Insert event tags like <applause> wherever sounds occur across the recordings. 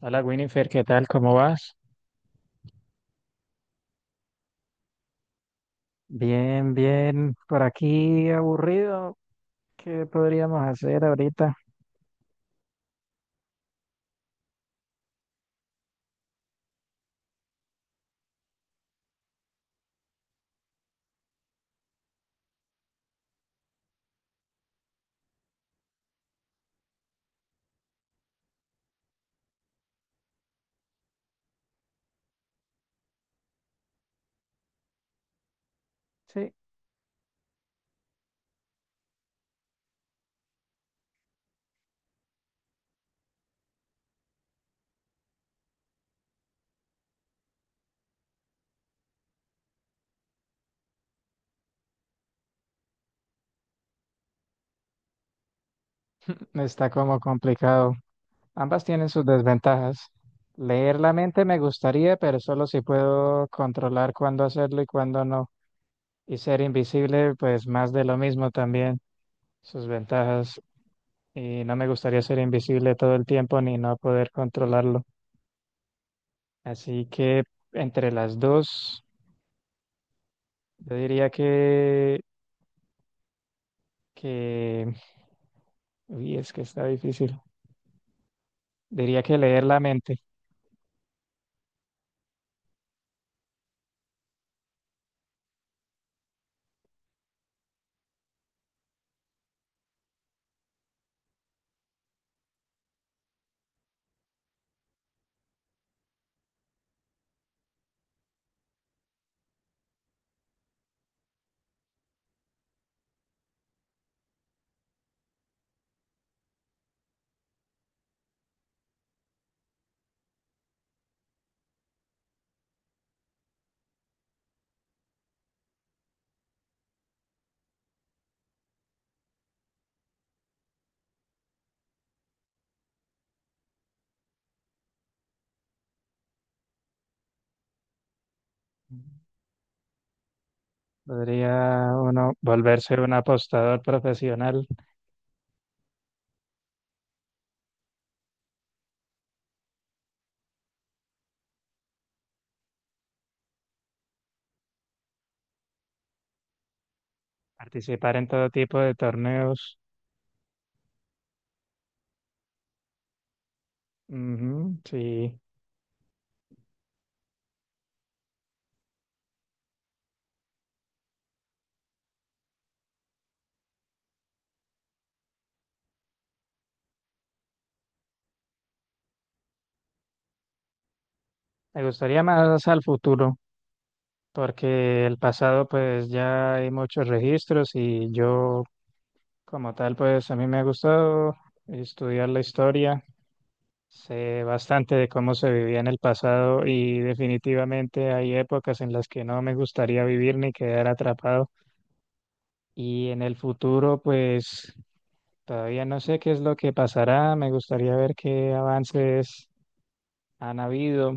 Hola Winifred, ¿qué tal? ¿Cómo vas? Bien, bien. Por aquí aburrido. ¿Qué podríamos hacer ahorita? Sí, está como complicado. Ambas tienen sus desventajas. Leer la mente me gustaría, pero solo si puedo controlar cuándo hacerlo y cuándo no. Y ser invisible, pues más de lo mismo también, sus ventajas. Y no me gustaría ser invisible todo el tiempo ni no poder controlarlo. Así que, entre las dos, yo diría que, uy, es que está difícil. Diría que leer la mente. Podría uno volverse un apostador profesional, participar en todo tipo de torneos. Ujú, sí, me gustaría más al futuro, porque el pasado pues ya hay muchos registros, y yo como tal pues a mí me ha gustado estudiar la historia. Sé bastante de cómo se vivía en el pasado y definitivamente hay épocas en las que no me gustaría vivir ni quedar atrapado. Y en el futuro, pues todavía no sé qué es lo que pasará. Me gustaría ver qué avances han habido,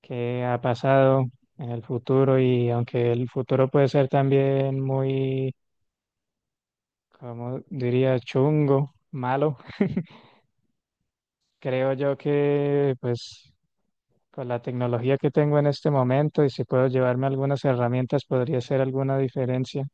qué ha pasado en el futuro, y aunque el futuro puede ser también muy, como diría, chungo, malo, creo yo que pues con la tecnología que tengo en este momento y si puedo llevarme algunas herramientas, podría hacer alguna diferencia.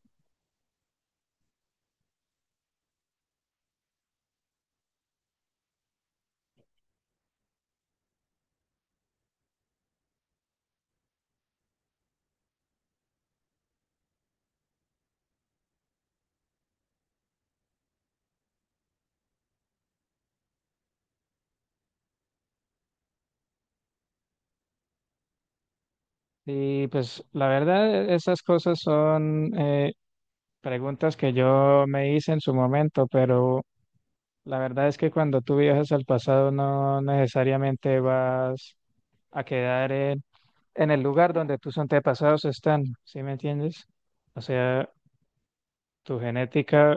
Y pues la verdad, esas cosas son preguntas que yo me hice en su momento, pero la verdad es que cuando tú viajas al pasado no necesariamente vas a quedar en, el lugar donde tus antepasados están, ¿sí me entiendes? O sea, tu genética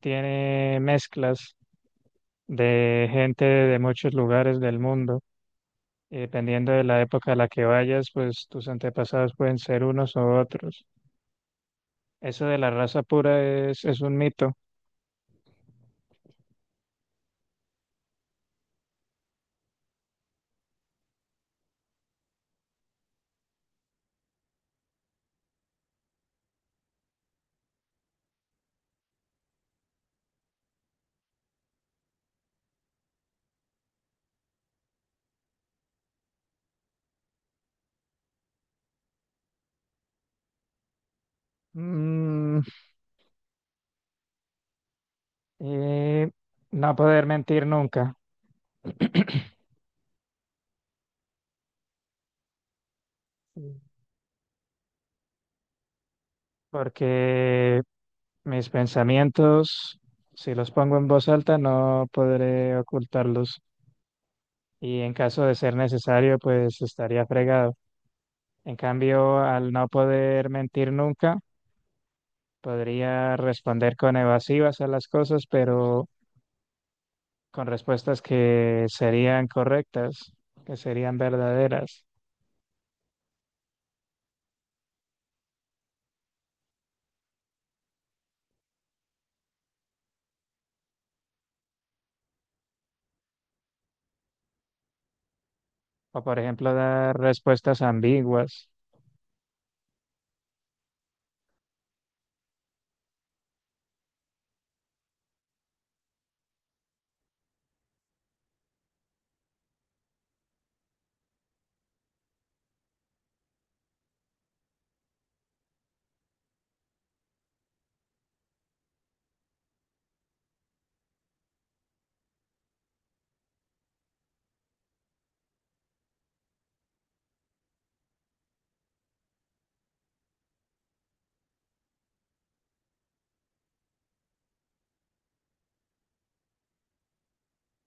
tiene mezclas de gente de muchos lugares del mundo. Y dependiendo de la época a la que vayas, pues tus antepasados pueden ser unos u otros. Eso de la raza pura es un mito. Mm, y no poder mentir nunca, <clears throat> porque mis pensamientos, si los pongo en voz alta, no podré ocultarlos. Y en caso de ser necesario, pues estaría fregado. En cambio, al no poder mentir nunca, podría responder con evasivas a las cosas, pero con respuestas que serían correctas, que serían verdaderas, o por ejemplo dar respuestas ambiguas,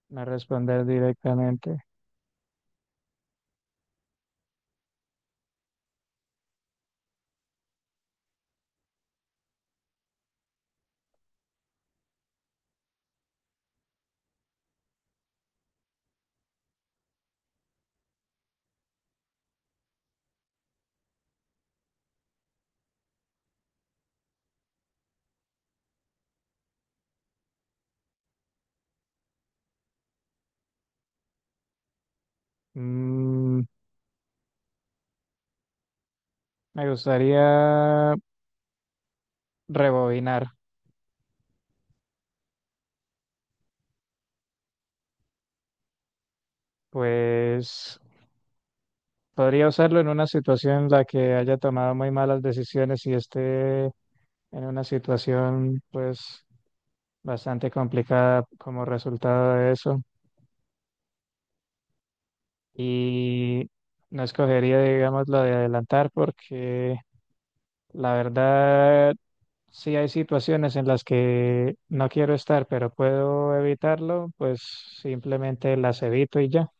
no responder directamente. Mm, Me gustaría rebobinar, pues podría usarlo en una situación en la que haya tomado muy malas decisiones y esté en una situación pues bastante complicada como resultado de eso. Y no escogería, digamos, lo de adelantar porque, la verdad, si hay situaciones en las que no quiero estar, pero puedo evitarlo, pues simplemente las evito y ya.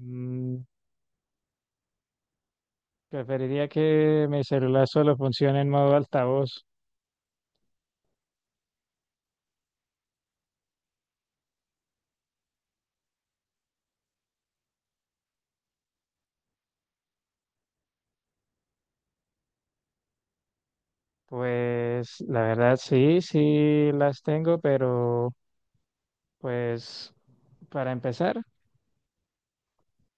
Mm, Preferiría que mi celular solo funcione en modo altavoz. Pues la verdad, sí, sí las tengo, pero pues, para empezar,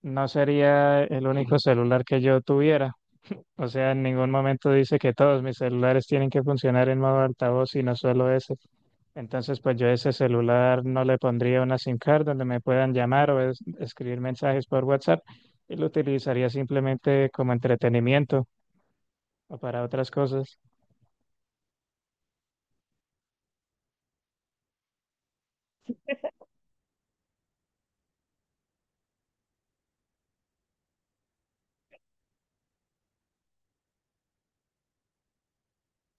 no sería el único celular que yo tuviera. O sea, en ningún momento dice que todos mis celulares tienen que funcionar en modo altavoz, sino solo ese. Entonces, pues yo a ese celular no le pondría una SIM card donde me puedan llamar o escribir mensajes por WhatsApp, y lo utilizaría simplemente como entretenimiento o para otras cosas.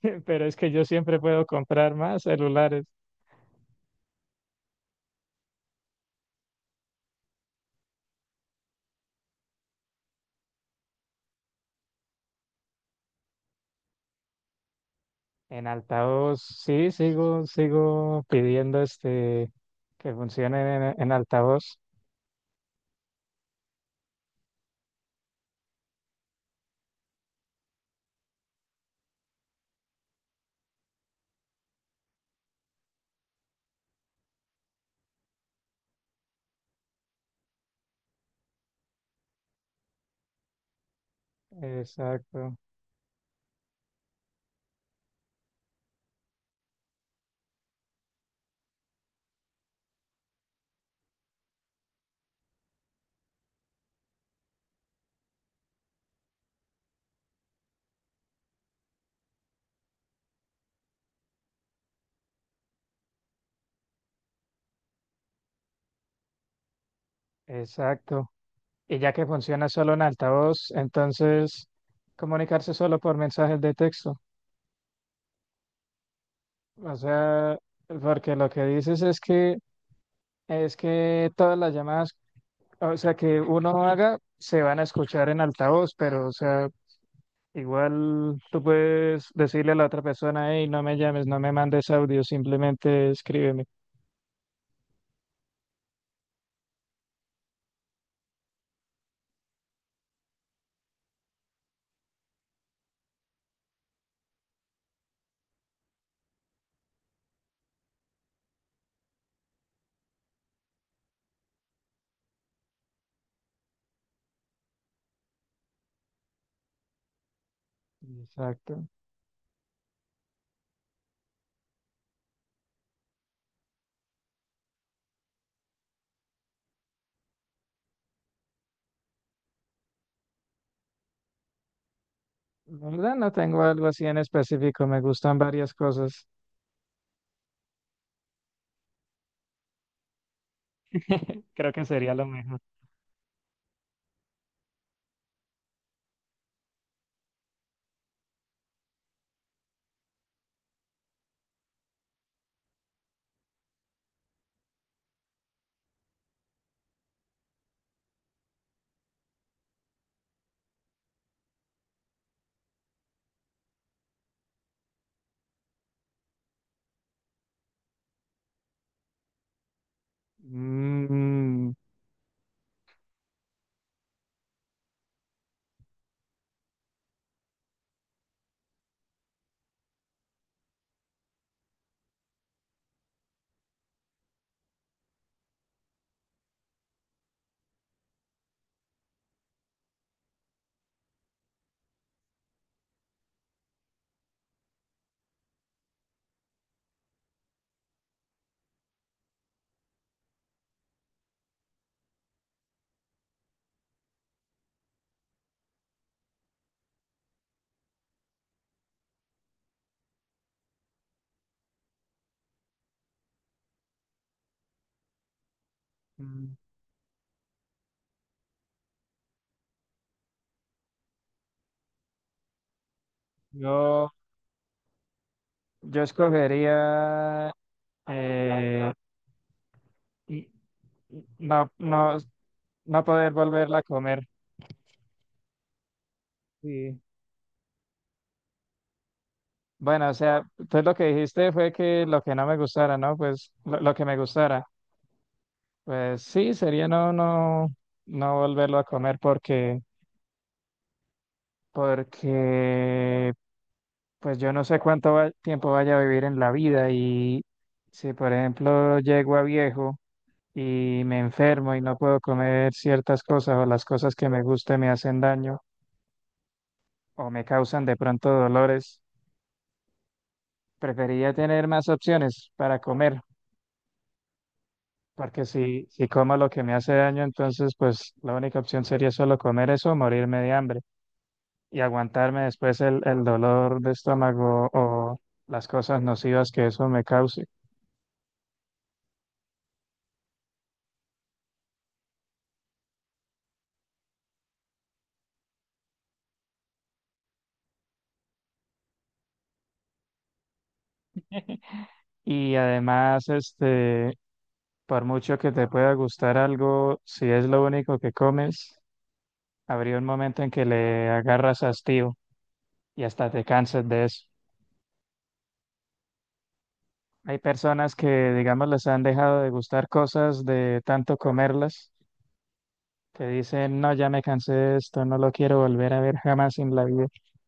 <laughs> Pero es que yo siempre puedo comprar más celulares. En altavoz, sí, sigo pidiendo este que funcionen en, altavoz. Exacto, exacto. Y ya que funciona solo en altavoz, entonces comunicarse solo por mensajes de texto. O sea, porque lo que dices es que todas las llamadas, o sea, que uno haga, se van a escuchar en altavoz, pero, o sea, igual tú puedes decirle a la otra persona, hey, no me llames, no me mandes audio, simplemente escríbeme. Exacto. La verdad no tengo algo así en específico, me gustan varias cosas. <laughs> Creo que sería lo mejor. Mm. Mm. Yo, yo escogería, eh, n- no, no, no poder volverla a comer. Sí, bueno, o sea, pues lo que dijiste fue que lo que no me gustara, ¿no? Pues lo, que me gustara. Pues sí, sería no, no, no volverlo a comer porque pues yo no sé cuánto tiempo vaya a vivir en la vida, y si por ejemplo llego a viejo y me enfermo y no puedo comer ciertas cosas, o las cosas que me gustan me hacen daño o me causan de pronto dolores, preferiría tener más opciones para comer, porque si, como lo que me hace daño, entonces pues la única opción sería solo comer eso o morirme de hambre y aguantarme después el dolor de estómago o las cosas nocivas que eso me cause. Y además, por mucho que te pueda gustar algo, si es lo único que comes, habría un momento en que le agarras hastío y hasta te cansas de eso. Hay personas que, digamos, les han dejado de gustar cosas de tanto comerlas, que dicen, no, ya me cansé de esto, no lo quiero volver a ver jamás en la vida. <laughs>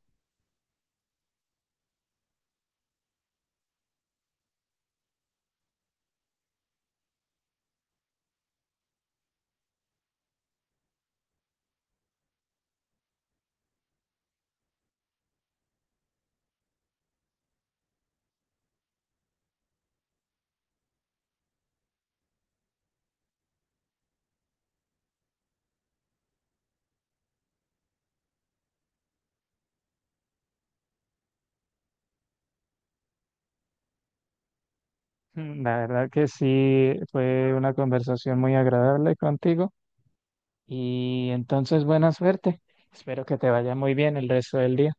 La verdad que sí, fue una conversación muy agradable contigo, y entonces buena suerte. Espero que te vaya muy bien el resto del día.